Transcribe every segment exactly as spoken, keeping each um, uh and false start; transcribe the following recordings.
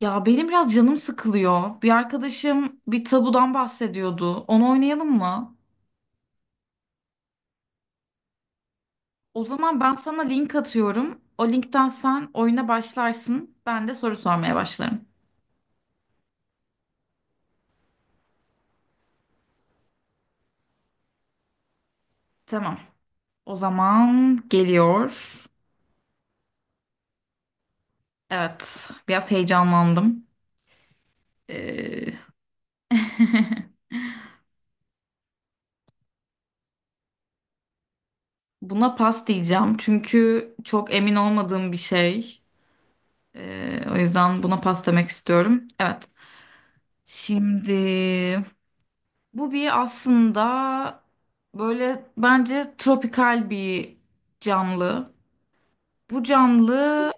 Ya benim biraz canım sıkılıyor. Bir arkadaşım bir tabudan bahsediyordu. Onu oynayalım mı? O zaman ben sana link atıyorum. O linkten sen oyuna başlarsın. Ben de soru sormaya başlarım. Tamam. O zaman geliyor. Evet, biraz heyecanlandım. Ee, buna pas diyeceğim çünkü çok emin olmadığım bir şey. Ee, o yüzden buna pas demek istiyorum. Evet. Şimdi bu bir aslında böyle bence tropikal bir canlı. Bu canlı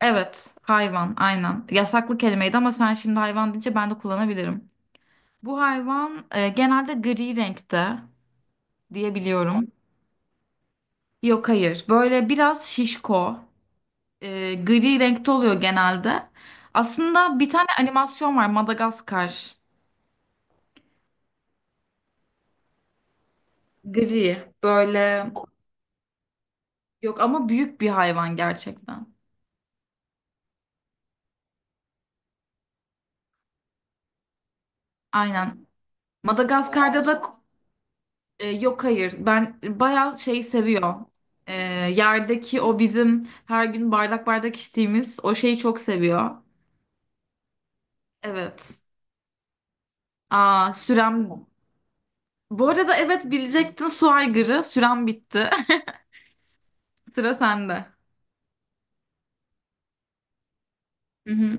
evet, hayvan, aynen. Yasaklı kelimeydi ama sen şimdi hayvan deyince ben de kullanabilirim. Bu hayvan e, genelde gri renkte diyebiliyorum. Yok hayır, böyle biraz şişko, e, gri renkte oluyor genelde. Aslında bir tane animasyon var, Madagaskar. Gri böyle, yok ama büyük bir hayvan gerçekten. Aynen. Madagaskar'da da e, yok hayır. Ben bayağı şey seviyor. E, Yerdeki o bizim her gün bardak bardak içtiğimiz o şeyi çok seviyor. Evet. Aa sürem. Bu arada evet, bilecektin, su aygırı. Sürem bitti. Sıra sende. Hı hı.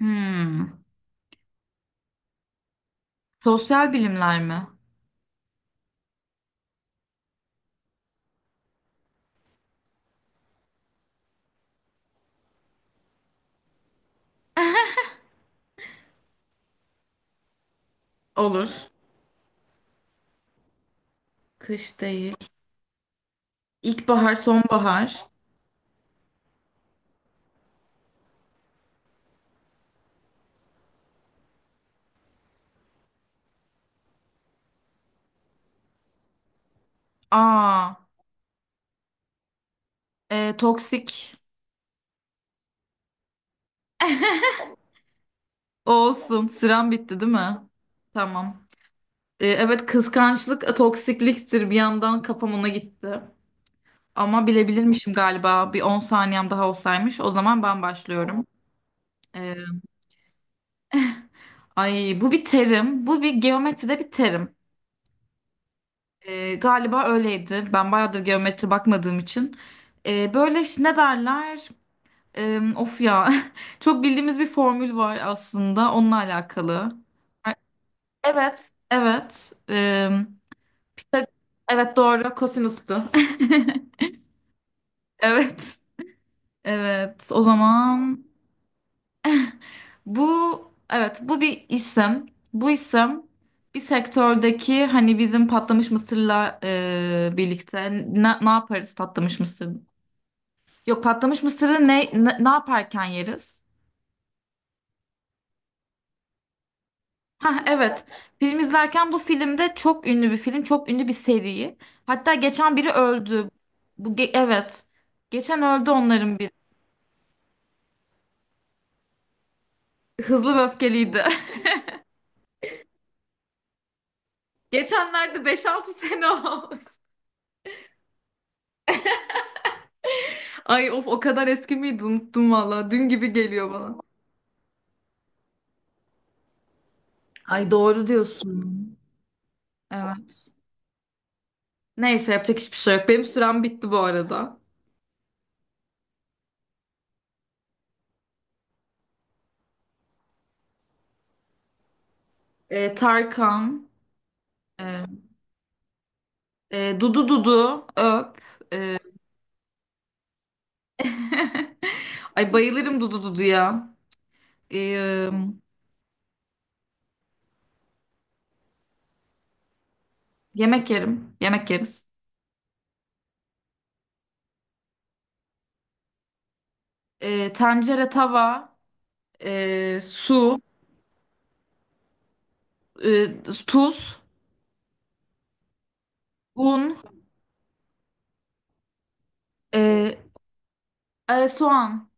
Hmm. Sosyal bilimler mi? Olur. Kış değil. İlkbahar, sonbahar. Aa, e, toksik. Olsun. Sürem bitti değil mi? Tamam. E, evet, kıskançlık toksikliktir. Bir yandan kafam ona gitti. Ama bilebilirmişim galiba. Bir on saniyem daha olsaymış. O zaman ben başlıyorum. E, Ay, bu bir terim. Bu bir geometride bir terim. E, galiba öyleydi. Ben bayağıdır geometri bakmadığım için. E, böyle ş- ne derler? E, of ya. Çok bildiğimiz bir formül var aslında. Onunla alakalı. Ay, evet, evet. E, Pita- evet doğru. Kosinüstü. Evet. Evet, o zaman bu, evet, bu bir isim. Bu isim bir sektördeki, hani bizim patlamış mısırla e, birlikte ne, ne yaparız patlamış mısır? Yok, patlamış mısırı ne, ne, ne yaparken yeriz? Ha evet. Film izlerken, bu filmde çok ünlü bir film, çok ünlü bir seri. Hatta geçen biri öldü. Bu ge- evet. Geçen öldü onların biri. Hızlı ve Öfkeliydi. Geçenlerde beş altı sene oldu. Ay of, o kadar eski miydi, unuttum valla. Dün gibi geliyor bana. Ay doğru diyorsun. Evet. Neyse, yapacak hiçbir şey yok. Benim sürem bitti bu arada. Ee, Tarkan, e, e, Dudu Dudu, Öp. e, Ay bayılırım Dudu Dudu'ya. Ee, Yemek yerim. Yemek yeriz. Ee, tencere, tava, e, su, e, tuz, un, e, e, soğan.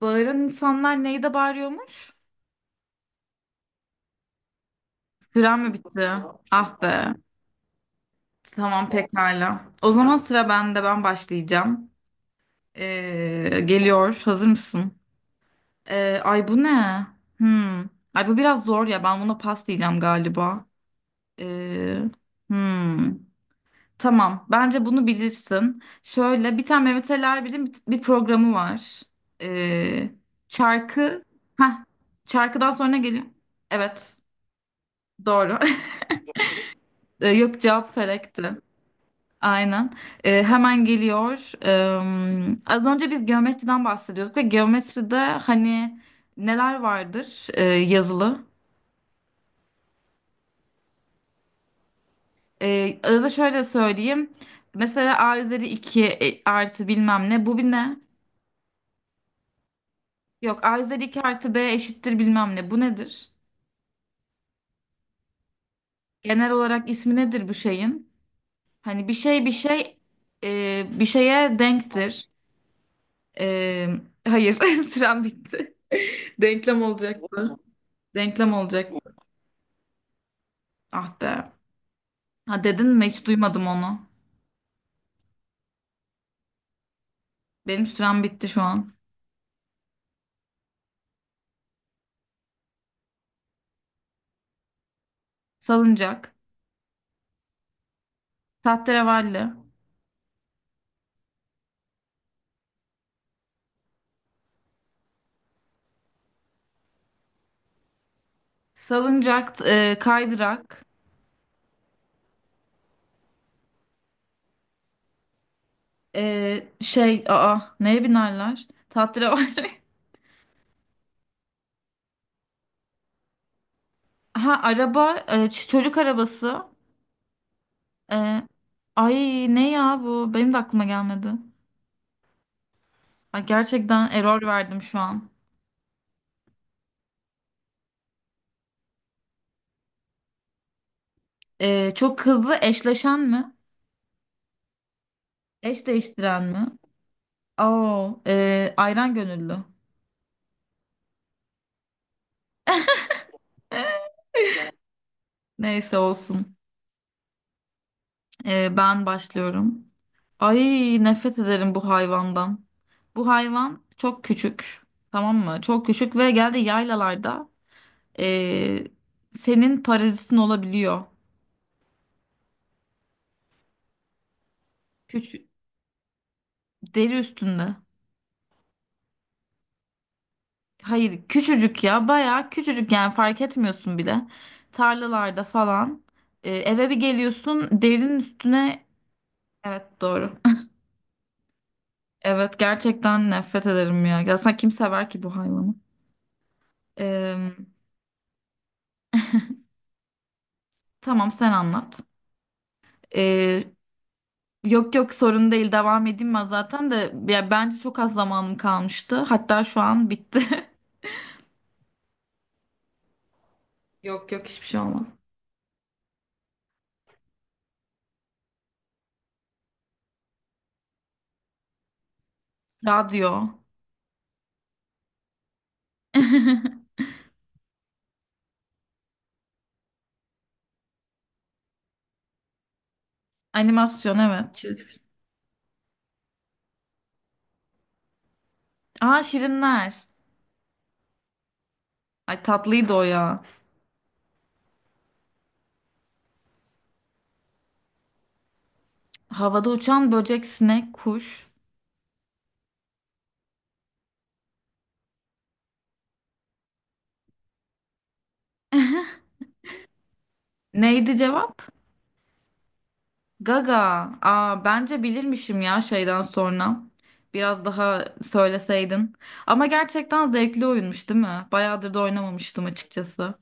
Bağıran insanlar neyde bağırıyormuş? Süren mi bitti? Ah be. Tamam pekala. O zaman sıra bende, ben başlayacağım. Ee, geliyor. Hazır mısın? Ee, ay, bu ne? Hmm. Ay, bu biraz zor ya. Ben buna pas diyeceğim galiba. Ee, hmm. Tamam. Bence bunu bilirsin. Şöyle bir tane Mehmet Ali Erbil'in bir, bir programı var. Ee, Şarkı. Heh. Şarkıdan sonra geliyor. Evet. Doğru. Ee, yok, cevap felekti. Aynen. Ee, hemen geliyor. Ee, az önce biz geometriden bahsediyorduk ve geometride hani neler vardır e, yazılı? Ee, arada şöyle söyleyeyim. Mesela a üzeri iki e, artı bilmem ne. Bu bir ne? Yok, a üzeri iki artı b eşittir bilmem ne. Bu nedir? Genel olarak ismi nedir bu şeyin? Hani bir şey bir şey e, bir şeye denktir. Ee, hayır, sürem bitti. Denklem olacaktı. Denklem olacaktı. Ah be. Ha dedin mi? Hiç duymadım onu. Benim sürem bitti şu an. Salıncak, tahterevalli, salıncak, e, kaydırak, e, şey, aa, neye binerler? Tahterevalli. Ha araba, e, ç- çocuk arabası. E, Ay, ne ya bu? Benim de aklıma gelmedi. Ay, gerçekten error verdim şu an. E, çok hızlı eşleşen mi? Eş değiştiren mi? Oo, e, ayran gönüllü. Neyse olsun. E, ben başlıyorum. Ay nefret ederim bu hayvandan. Bu hayvan çok küçük. Tamam mı? Çok küçük ve geldi yaylalarda, eee, senin parazitin olabiliyor. Küç deri üstünde. Hayır, küçücük ya, bayağı küçücük, yani fark etmiyorsun bile. Tarlalarda falan. Eee, eve bir geliyorsun, derinin üstüne. Evet doğru. Evet, gerçekten nefret ederim ya. Ya sen kim sever ki bu hayvanı? Eee, tamam, sen anlat. Ee, Yok yok, sorun değil, devam edeyim ben zaten de ya, bence çok az zamanım kalmıştı. Hatta şu an bitti. Yok yok, hiçbir şey olmaz. Radyo. Animasyon evet. Çizgi film. Aa, Şirinler. Ay tatlıydı o ya. Havada uçan böcek, sinek, kuş. Neydi cevap? Gaga. Aa, bence bilirmişim ya şeyden sonra. Biraz daha söyleseydin. Ama gerçekten zevkli oyunmuş değil mi? Bayağıdır da oynamamıştım açıkçası.